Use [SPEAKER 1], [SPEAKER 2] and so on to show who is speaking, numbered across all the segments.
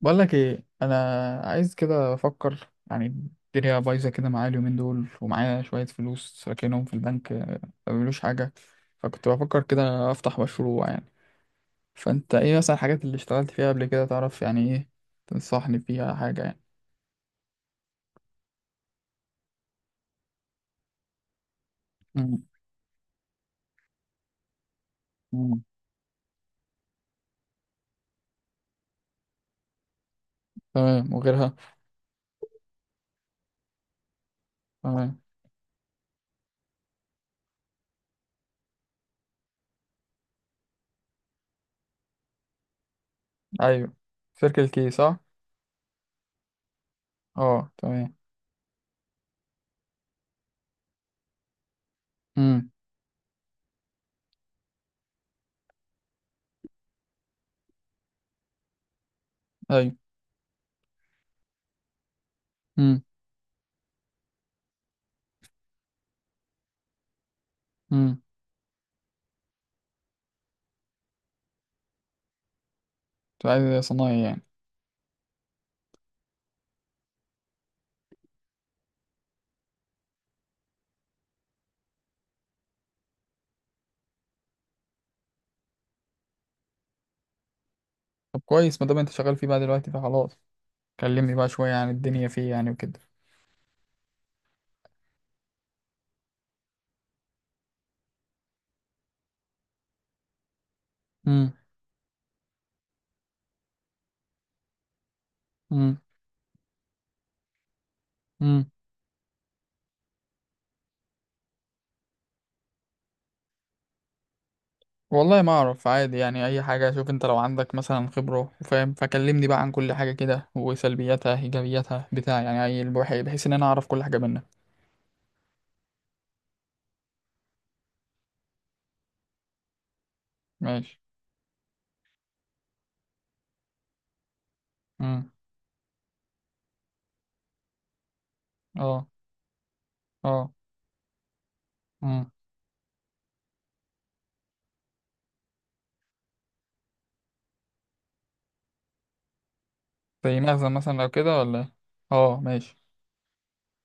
[SPEAKER 1] بقول لك ايه، انا عايز كده افكر يعني. الدنيا بايظه كده معايا اليومين دول، ومعايا شويه فلوس راكنهم في البنك، ما بيعملوش حاجه. فكنت بفكر كده افتح مشروع يعني. فانت ايه مثلا الحاجات اللي اشتغلت فيها قبل كده؟ تعرف يعني ايه تنصحني فيها حاجه يعني؟ مم. مم. تمام وغيرها. تمام. ايوه، سيركل كي صح؟ اه، تمام. امم. ايوه. امم. امم. انت عايز صنايعي يعني؟ طب كويس، ما دام انت شغال فيه بقى دلوقتي فخلاص. كلمني بقى شويه عن الدنيا فيه يعني وكده. مم. مم. والله ما اعرف، عادي يعني اي حاجه. شوف انت لو عندك مثلا خبره وفاهم، فكلمني بقى عن كل حاجه كده، وسلبياتها ايجابياتها بتاع يعني، اي البحي، بحيث ان انا اعرف كل حاجه منك. ماشي. امم. اه. اه. امم. زي مخزن مثلا لو كده، ولا إيه؟ اه، ماشي.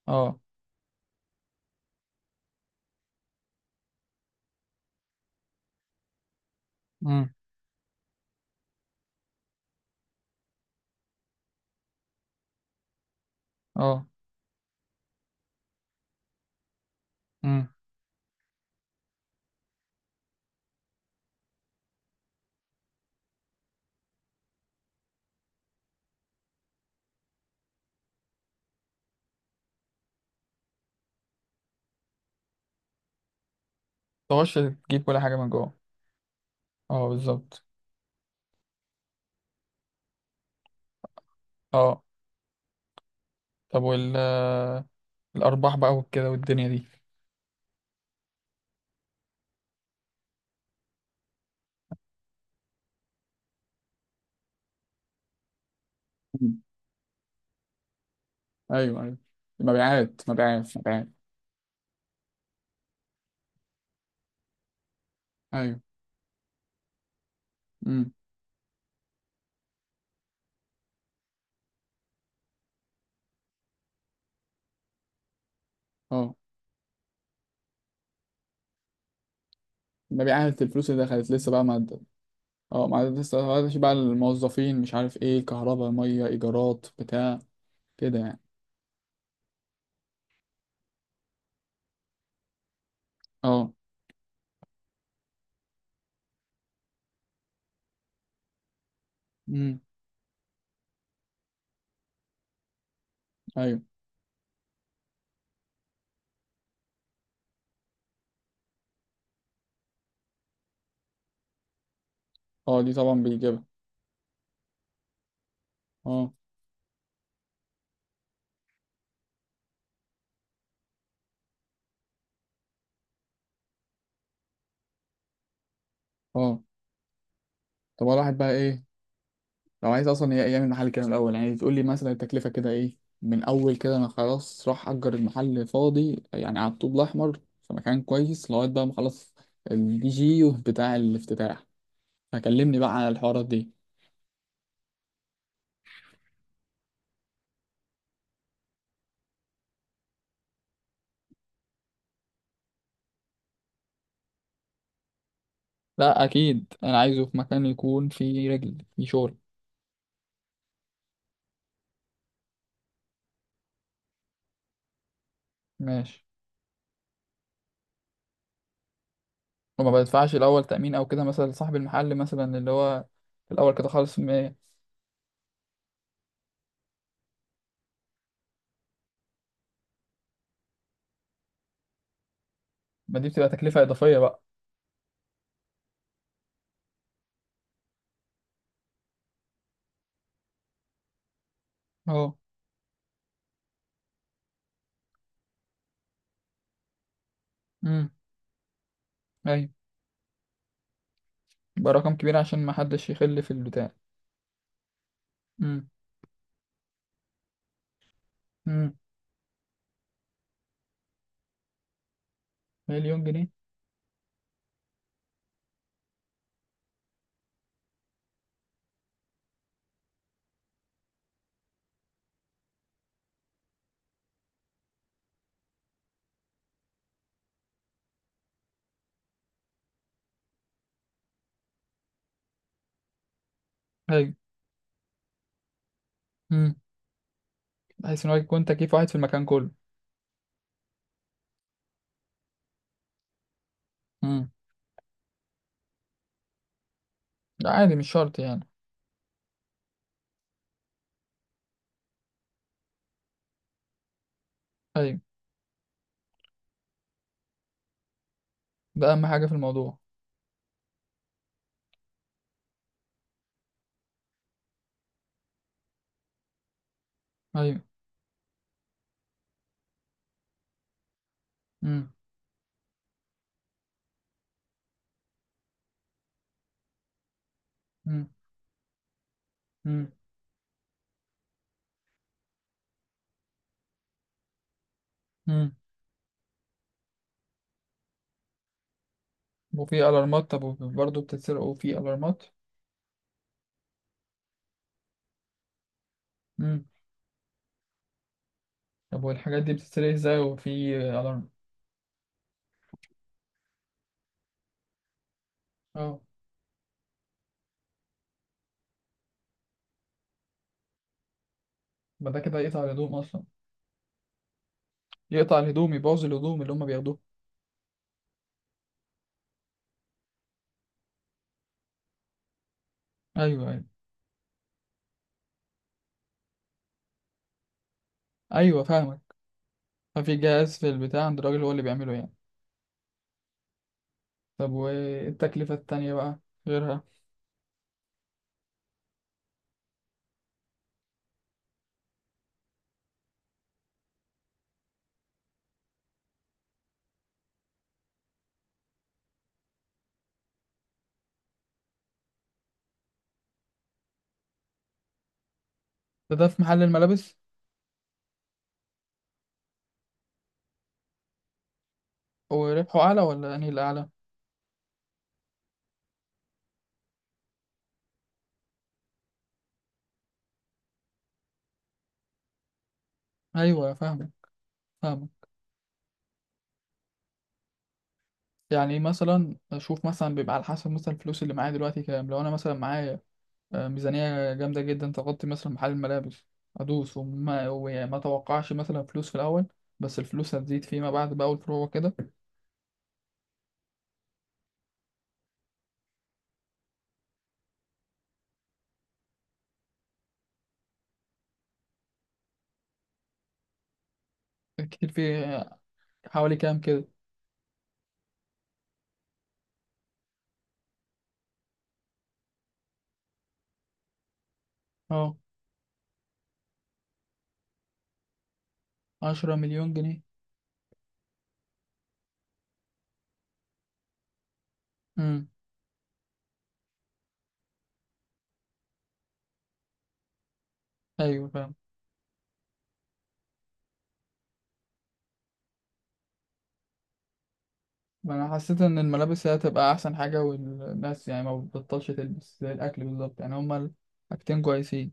[SPEAKER 1] اه. امم. اه. امم. تخش تجيب كل حاجه من جوه. اه، بالظبط. اه. طب، وال آه، الارباح بقى وكده والدنيا دي؟ مم. ايوه، ايوه. مبيعات مبيعات مبيعات. ايوه. امم. اه، ما بيعادت الفلوس اللي دخلت لسه بقى ما عد- اه، ما عدت لسه، ما عدتش بقى الموظفين، مش عارف ايه، كهرباء، ميه، ايجارات بتاع. كده يعني. اه. امم. ايوه. اه. دي طبعا بيجيبها. اه. اه. طب الواحد بقى ايه لو عايز اصلا يعمل محل كده من الاول يعني؟ تقول لي مثلا التكلفه كده ايه من اول كده؟ انا خلاص راح اجر المحل فاضي يعني على الطوب الاحمر، في مكان كويس، لغايه بقى ما اخلص الدي جي بتاع الافتتاح. فكلمني بقى على الحوارات دي. لا، اكيد انا عايزه في مكان يكون فيه رجل فيه شغل. ماشي. وما بدفعش الاول تامين او كده مثلا لصاحب المحل، مثلا اللي هو في الاول كده خالص، ما؟ ما دي بتبقى تكلفه اضافيه بقى؟ اه. امم. ايوه. يبقى رقم كبير عشان ما حدش يخل في البتاع. امم. امم. مليون جنيه؟ ايوه. امم. بحيث ان هو يكون تكييف واحد في المكان كله. امم. ده عادي مش شرط يعني؟ ايوه. ده اهم حاجه في الموضوع. ايوه. امم. امم. امم. امم. وفي الارمات؟ طب برضه بتتسرق وفي الارمات؟ طب والحاجات دي بتتسرق ازاي وفي الارم؟ اه، ما ده كده يقطع الهدوم اصلا. يقطع الهدوم، يبوظ الهدوم اللي هم بياخدوه. ايوه، ايوه. ايوه، فاهمك. ففي جهاز في البتاع عند الراجل هو اللي بيعمله يعني؟ طب والتكلفة التانية بقى غيرها؟ ده في محل الملابس؟ وربحه اعلى ولا انهي الاعلى؟ ايوه، فاهمك، فاهمك. يعني مثلا اشوف مثلا بيبقى على حسب مثلا الفلوس اللي معايا دلوقتي كام. لو انا مثلا معايا ميزانية جامدة جدا تغطي مثلا محل الملابس، أدوس وما توقعش مثلا فلوس في الأول، بس الفلوس هتزيد فيما بعد بقى والفروع كده. كتير في؟ حوالي كام كده؟ اه، 10 مليون جنيه؟ امم. أيوة، فاهم. ما أنا حسيت إن الملابس هي هتبقى أحسن حاجة، والناس يعني ما بتبطلش تلبس زي الأكل بالظبط يعني، هما الحاجتين كويسين.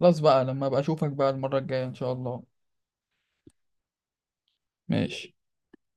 [SPEAKER 1] خلاص بقى، لما أبقى أشوفك بقى المرة الجاية إن شاء الله. ماشي.